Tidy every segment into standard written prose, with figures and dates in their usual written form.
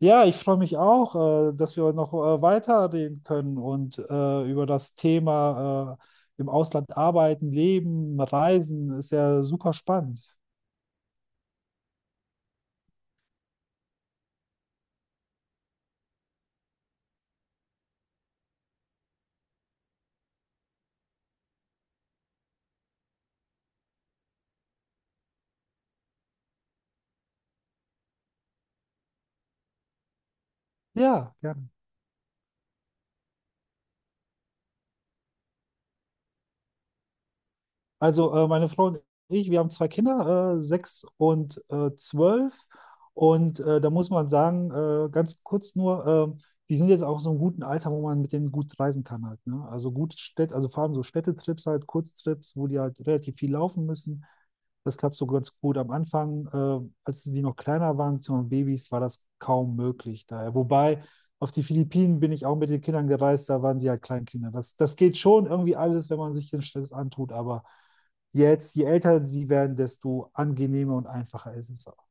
Ja, ich freue mich auch, dass wir noch weiterreden können und über das Thema im Ausland arbeiten, leben, reisen. Ist ja super spannend. Ja, gerne. Also meine Frau und ich, wir haben zwei Kinder, sechs und 12. Und da muss man sagen, ganz kurz nur, äh, die sind jetzt auch so im guten Alter, wo man mit denen gut reisen kann halt. Ne? Also gut Städte, also vor allem so Städtetrips halt, Kurztrips, wo die halt relativ viel laufen müssen. Das klappt so ganz gut am Anfang. Als die noch kleiner waren, beziehungsweise Babys, war das kaum möglich daher. Wobei auf die Philippinen bin ich auch mit den Kindern gereist, da waren sie halt Kleinkinder. Das geht schon irgendwie alles, wenn man sich den Stress antut, aber jetzt, je älter sie werden, desto angenehmer und einfacher ist es auch.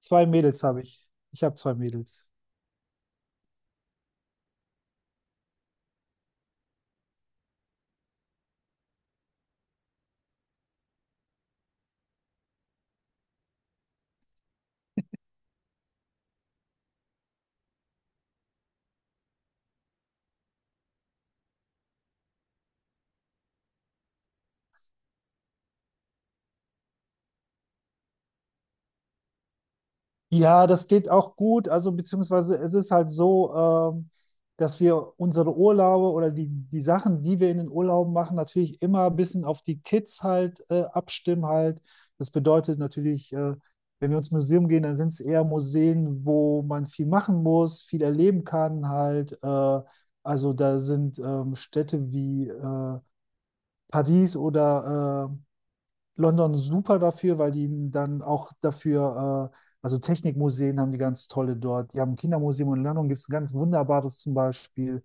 Zwei Mädels habe ich. Ich habe zwei Mädels. Ja, das geht auch gut. Also beziehungsweise es ist halt so, ähm, dass wir unsere Urlaube oder die Sachen, die wir in den Urlauben machen, natürlich immer ein bisschen auf die Kids halt abstimmen halt. Das bedeutet natürlich, wenn wir ins Museum gehen, dann sind es eher Museen, wo man viel machen muss, viel erleben kann halt. Also da sind Städte wie Paris oder London super dafür, weil die dann auch dafür, also Technikmuseen haben die ganz tolle dort. Die haben ein Kindermuseum und in London gibt es ein ganz wunderbares zum Beispiel.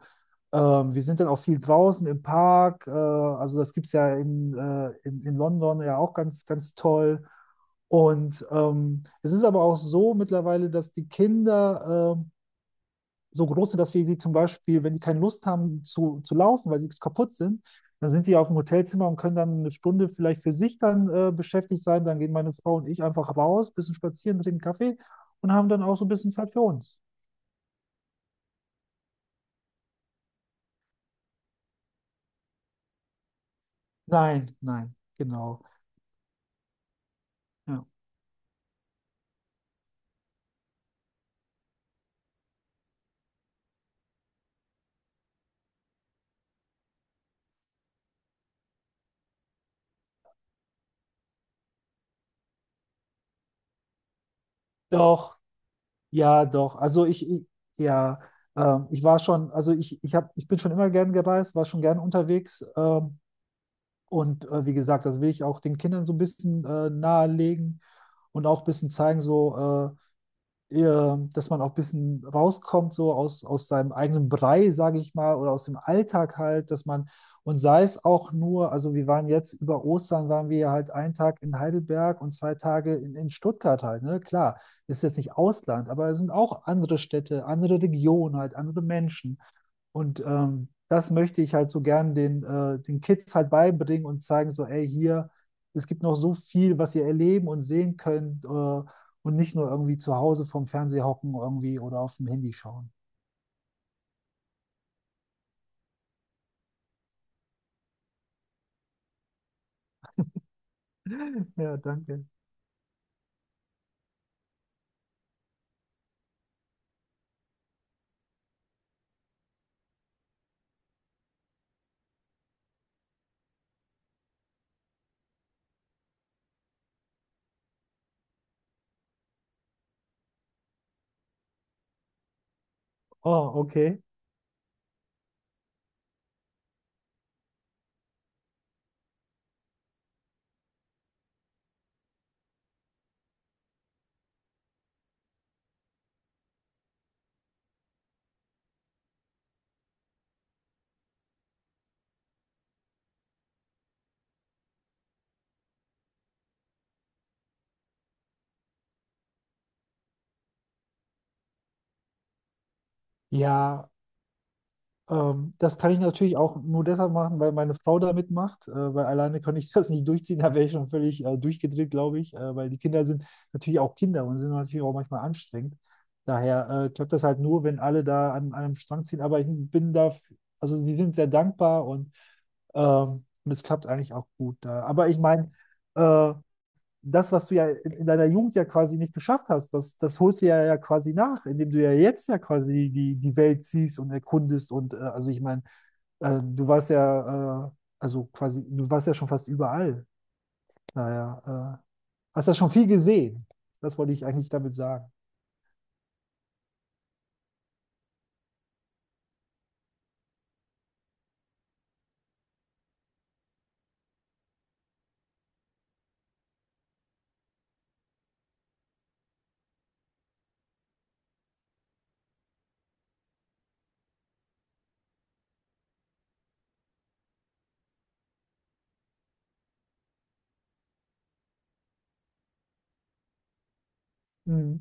Wir sind dann auch viel draußen im Park. Also das gibt es ja in London ja auch ganz, ganz toll. Und es ist aber auch so mittlerweile, dass die Kinder so große, dass wir sie zum Beispiel, wenn die keine Lust haben zu laufen, weil sie kaputt sind, dann sind die auf dem Hotelzimmer und können dann 1 Stunde vielleicht für sich dann beschäftigt sein. Dann gehen meine Frau und ich einfach raus, bisschen spazieren, trinken Kaffee und haben dann auch so ein bisschen Zeit für uns. Nein, nein, genau. Ja. Doch, ja, doch. Also ich ja, ich war schon, also ich bin schon immer gern gereist, war schon gern unterwegs. Und wie gesagt, das will ich auch den Kindern so ein bisschen nahelegen und auch ein bisschen zeigen, so, äh, dass man auch ein bisschen rauskommt, so aus seinem eigenen Brei, sage ich mal, oder aus dem Alltag halt, dass man, und sei es auch nur, also wir waren jetzt über Ostern, waren wir halt 1 Tag in Heidelberg und 2 Tage in Stuttgart halt, ne? Klar, das ist jetzt nicht Ausland, aber es sind auch andere Städte, andere Regionen halt, andere Menschen. Und das möchte ich halt so gern den Kids halt beibringen und zeigen, so, ey, hier, es gibt noch so viel, was ihr erleben und sehen könnt und nicht nur irgendwie zu Hause vorm Fernseher hocken irgendwie oder auf dem Handy schauen. Ja, danke. Oh, okay. Ja, das kann ich natürlich auch nur deshalb machen, weil meine Frau da mitmacht, weil alleine kann ich das nicht durchziehen, da wäre ich schon völlig durchgedreht, glaube ich, weil die Kinder sind natürlich auch Kinder und sind natürlich auch manchmal anstrengend. Daher klappt das halt nur, wenn alle da an einem Strang ziehen, aber ich bin da, also sie sind sehr dankbar und es klappt eigentlich auch gut da. Aber ich meine, äh, das, was du ja in deiner Jugend ja quasi nicht geschafft hast, das holst du ja quasi nach, indem du ja jetzt ja quasi die Welt siehst und erkundest. Und also ich meine, äh, du warst ja, äh, also quasi, du warst ja schon fast überall. Daher hast ja schon viel gesehen. Das wollte ich eigentlich damit sagen. Mhm.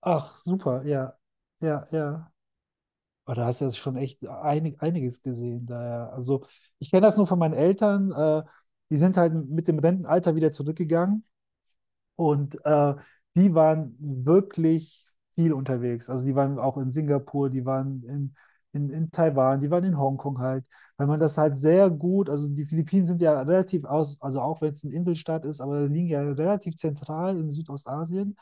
Ach, super, ja, ja, ja. Aber da hast du ja schon echt einiges gesehen. Daher, also ich kenne das nur von meinen Eltern. Die sind halt mit dem Rentenalter wieder zurückgegangen. Und die waren wirklich viel unterwegs. Also die waren auch in Singapur, die waren in Taiwan, die waren in Hongkong halt, weil man das halt sehr gut, also die Philippinen sind ja relativ aus, also auch wenn es ein Inselstaat ist, aber liegen ja relativ zentral in Südostasien.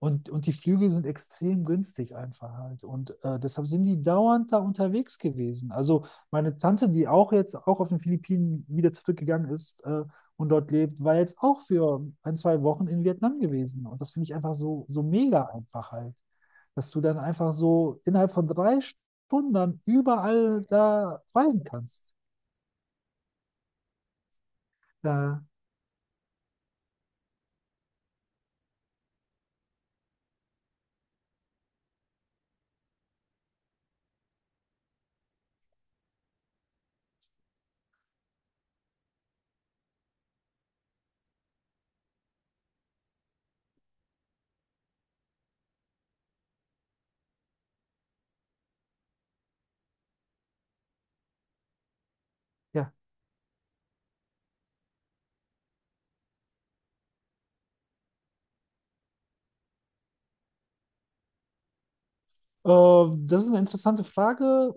Und die Flüge sind extrem günstig einfach halt. Und deshalb sind die dauernd da unterwegs gewesen. Also meine Tante, die auch jetzt auch auf den Philippinen wieder zurückgegangen ist, und dort lebt, war jetzt auch für ein, zwei Wochen in Vietnam gewesen. Und das finde ich einfach so, so mega einfach halt, dass du dann einfach so innerhalb von 3 Stunden dann überall da reisen kannst. Da, ja, Das ist eine interessante Frage.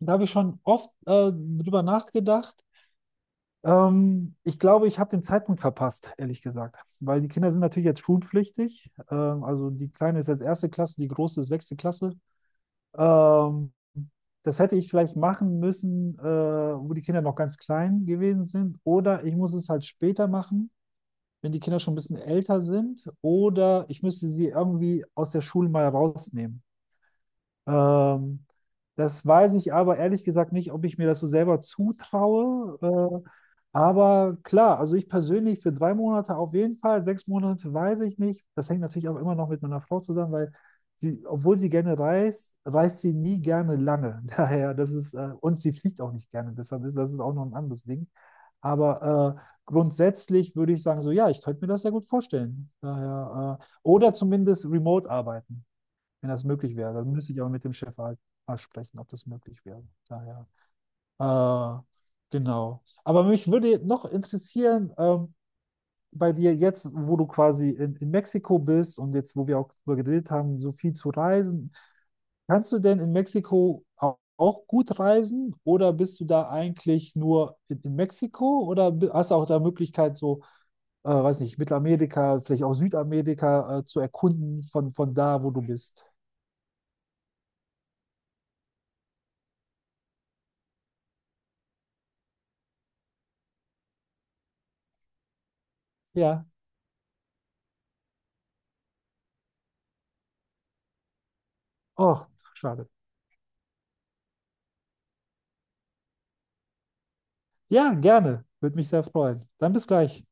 Da habe ich schon oft drüber nachgedacht. Ich glaube, ich habe den Zeitpunkt verpasst, ehrlich gesagt. Weil die Kinder sind natürlich jetzt schulpflichtig. Also die Kleine ist jetzt erste Klasse, die große ist sechste Klasse. Ähm, Das hätte ich vielleicht machen müssen, wo die Kinder noch ganz klein gewesen sind. Oder ich muss es halt später machen, wenn die Kinder schon ein bisschen älter sind. Oder ich müsste sie irgendwie aus der Schule mal rausnehmen. Ähm, Das weiß ich aber ehrlich gesagt nicht, ob ich mir das so selber zutraue. Äh, aber klar, also ich persönlich für 3 Monate auf jeden Fall, 6 Monate weiß ich nicht. Das hängt natürlich auch immer noch mit meiner Frau zusammen, weil sie, obwohl sie gerne reist, reist sie nie gerne lange. Daher, und sie fliegt auch nicht gerne. Deshalb ist das ist auch noch ein anderes Ding. Aber grundsätzlich würde ich sagen, so ja, ich könnte mir das sehr gut vorstellen. Daher, oder zumindest remote arbeiten, wenn das möglich wäre. Dann müsste ich auch mit dem Chef halt mal sprechen, ob das möglich wäre. Daher, äh, genau. Aber mich würde noch interessieren, bei dir jetzt, wo du quasi in Mexiko bist und jetzt, wo wir auch darüber geredet haben, so viel zu reisen, kannst du denn in Mexiko auch gut reisen oder bist du da eigentlich nur in Mexiko oder hast du auch da Möglichkeit, so weiß nicht, Mittelamerika, vielleicht auch Südamerika zu erkunden von da, wo du bist. Ja. Oh, schade. Ja, gerne. Würde mich sehr freuen. Dann bis gleich.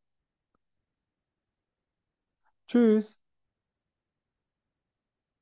Tschüss.